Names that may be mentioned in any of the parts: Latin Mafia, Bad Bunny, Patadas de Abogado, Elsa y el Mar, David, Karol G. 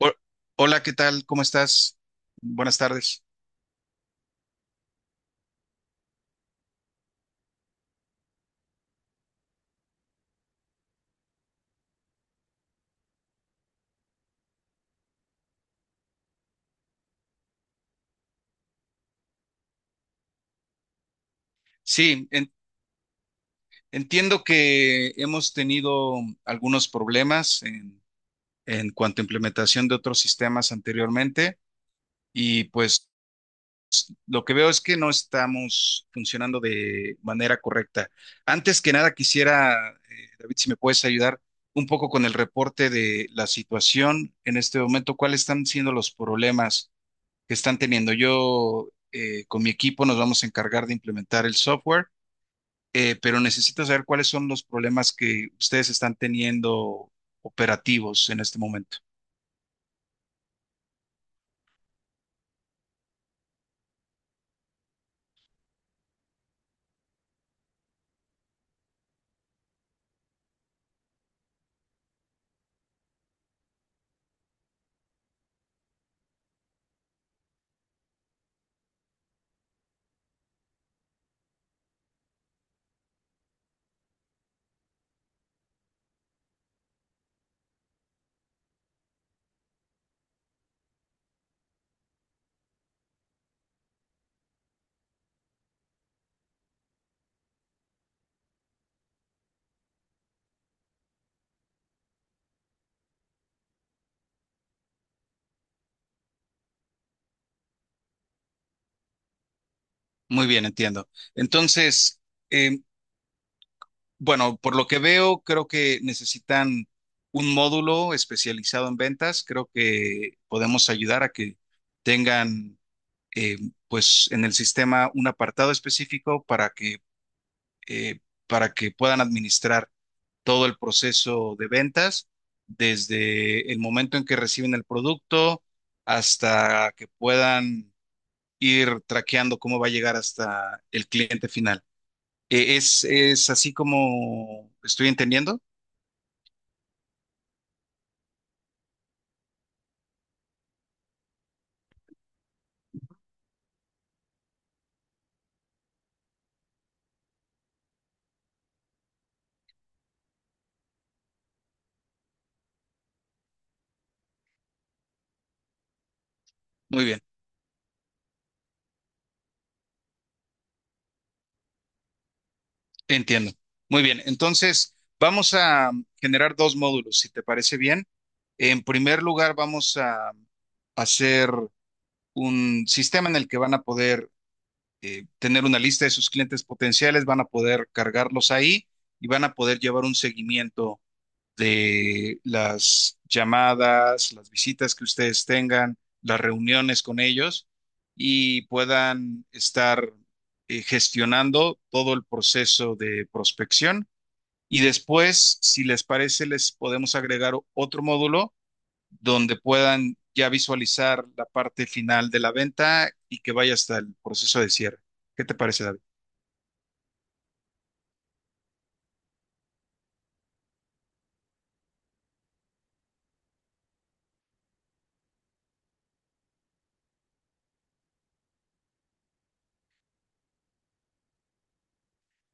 Ho- Hola, ¿qué tal? ¿Cómo estás? Buenas tardes. Sí, en- entiendo que hemos tenido algunos problemas en cuanto a implementación de otros sistemas anteriormente y pues lo que veo es que no estamos funcionando de manera correcta. Antes que nada, quisiera, David, si me puedes ayudar un poco con el reporte de la situación en este momento, cuáles están siendo los problemas que están teniendo. Yo con mi equipo nos vamos a encargar de implementar el software, pero necesito saber cuáles son los problemas que ustedes están teniendo operativos en este momento. Muy bien, entiendo. Entonces, eh, bueno, por lo que veo, creo que necesitan un módulo especializado en ventas. Creo que podemos ayudar a que tengan, eh, pues, en el sistema un apartado específico eh, para que puedan administrar todo el proceso de ventas, desde el momento en que reciben el producto hasta que puedan ir traqueando cómo va a llegar hasta el cliente final. Es así como estoy entendiendo? Muy bien, entiendo. Muy bien, entonces vamos a generar dos módulos, si te parece bien. En primer lugar, vamos a hacer un sistema en el que van a poder tener una lista de sus clientes potenciales, van a poder cargarlos ahí y van a poder llevar un seguimiento de las llamadas, las visitas que ustedes tengan, las reuniones con ellos y puedan estar gestionando todo el proceso de prospección. Y después, si les parece, les podemos agregar otro módulo donde puedan ya visualizar la parte final de la venta y que vaya hasta el proceso de cierre. ¿Qué te parece, David?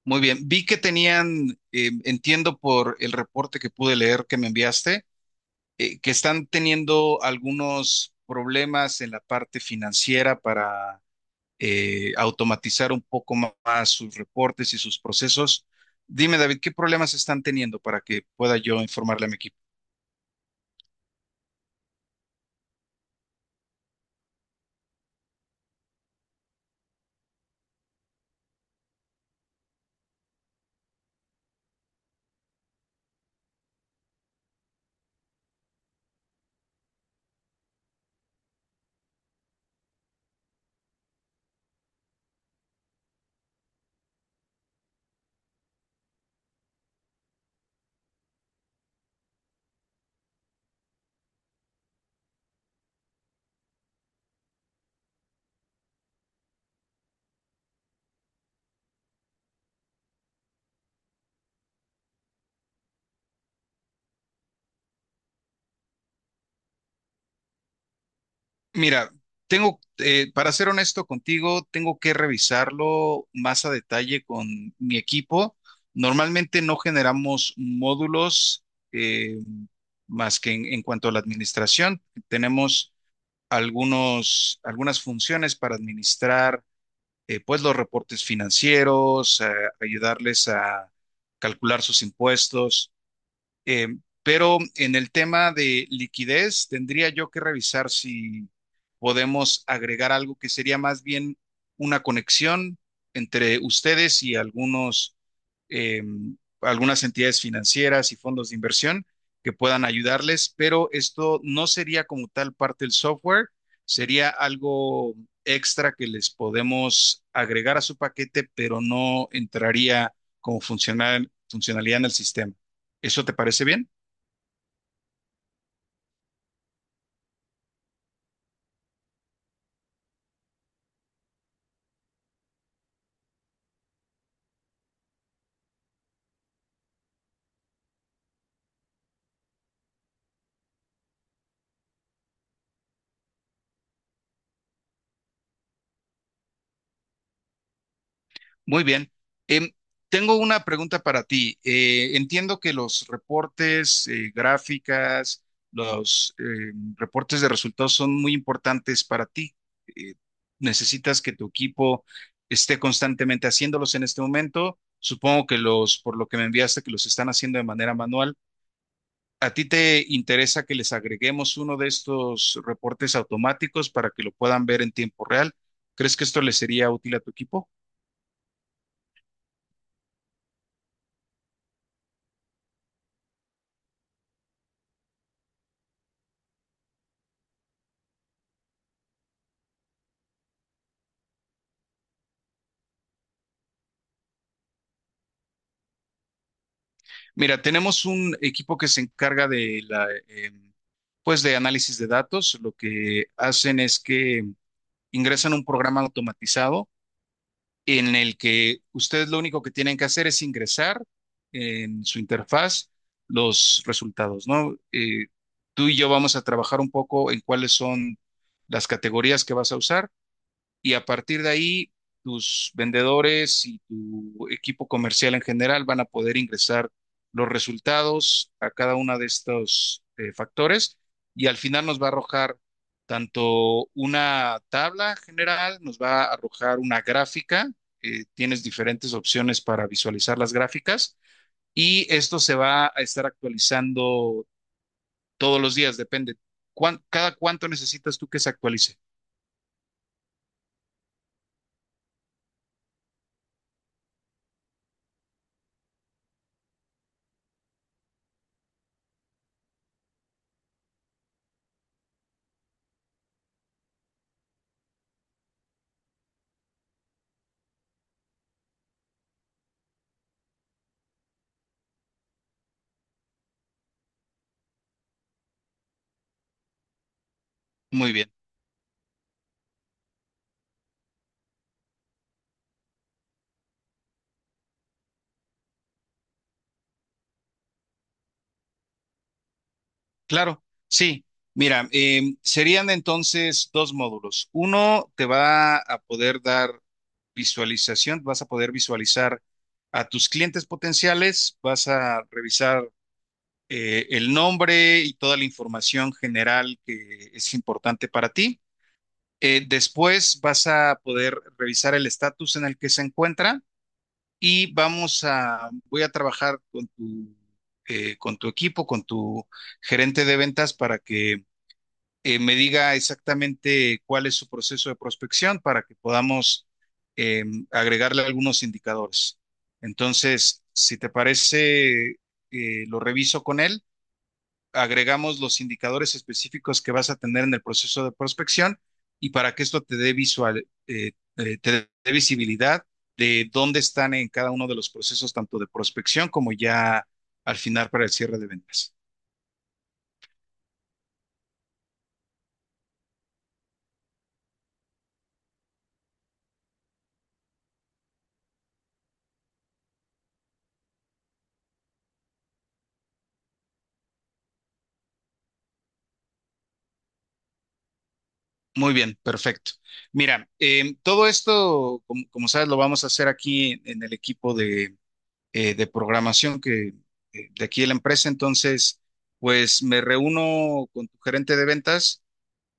Muy bien, vi que tenían, entiendo por el reporte que pude leer que me enviaste, que están teniendo algunos problemas en la parte financiera para automatizar un poco más sus reportes y sus procesos. Dime, David, ¿qué problemas están teniendo para que pueda yo informarle a mi equipo? Mira, tengo, para ser honesto contigo, tengo que revisarlo más a detalle con mi equipo. Normalmente no generamos módulos eh, más que en cuanto a la administración. Tenemos algunas funciones para administrar, pues los reportes financieros, ayudarles a calcular sus impuestos eh, pero en el tema de liquidez, tendría yo que revisar si podemos agregar algo que sería más bien una conexión entre ustedes y algunos, eh, algunas entidades financieras y fondos de inversión que puedan ayudarles, pero esto no sería como tal parte del software, sería algo extra que les podemos agregar a su paquete, pero no entraría como funcionalidad en el sistema. ¿Eso te parece bien? Muy bien. Em, tengo una pregunta para ti. Entiendo que los reportes, gráficas, los reportes de resultados son muy importantes para ti. Eh, necesitas que tu equipo esté constantemente haciéndolos en este momento. Supongo que los, por lo que me enviaste, que los están haciendo de manera manual. ¿A ti te interesa que les agreguemos uno de estos reportes automáticos para que lo puedan ver en tiempo real? ¿Crees que esto le sería útil a tu equipo? Mira, tenemos un equipo que se encarga de la, pues de análisis de datos. Lo que hacen es que ingresan un programa automatizado en el que ustedes lo único que tienen que hacer es ingresar en su interfaz los resultados, ¿no? Tú y yo vamos a trabajar un poco en cuáles son las categorías que vas a usar y a partir de ahí tus vendedores y tu equipo comercial en general van a poder ingresar los resultados a cada uno de estos factores y al final nos va a arrojar tanto una tabla general, nos va a arrojar una gráfica, tienes diferentes opciones para visualizar las gráficas y esto se va a estar actualizando todos los días, depende. Cada cuánto necesitas tú que se actualice? Muy bien. Claro, sí. Mira, serían entonces dos módulos. Uno te va a poder dar visualización, vas a poder visualizar a tus clientes potenciales, vas a revisar el nombre y toda la información general que es importante para ti. Después vas a poder revisar el estatus en el que se encuentra y voy a trabajar con tu equipo, con tu gerente de ventas para que me diga exactamente cuál es su proceso de prospección para que podamos eh, agregarle algunos indicadores. Entonces, si te parece, lo reviso con él, agregamos los indicadores específicos que vas a tener en el proceso de prospección y para que esto te dé visual, te dé visibilidad de dónde están en cada uno de los procesos, tanto de prospección como ya al final para el cierre de ventas. Muy bien, perfecto. Mira, todo esto, como sabes, lo vamos a hacer aquí en el equipo de programación que, de aquí de la empresa. Entonces, pues me reúno con tu gerente de ventas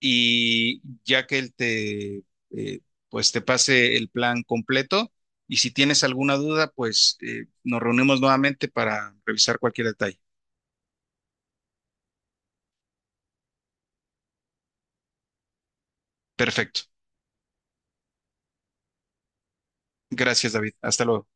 y ya que él te, eh, pues te pase el plan completo y si tienes alguna duda, pues nos reunimos nuevamente para revisar cualquier detalle. Perfecto. Gracias, David. Hasta luego.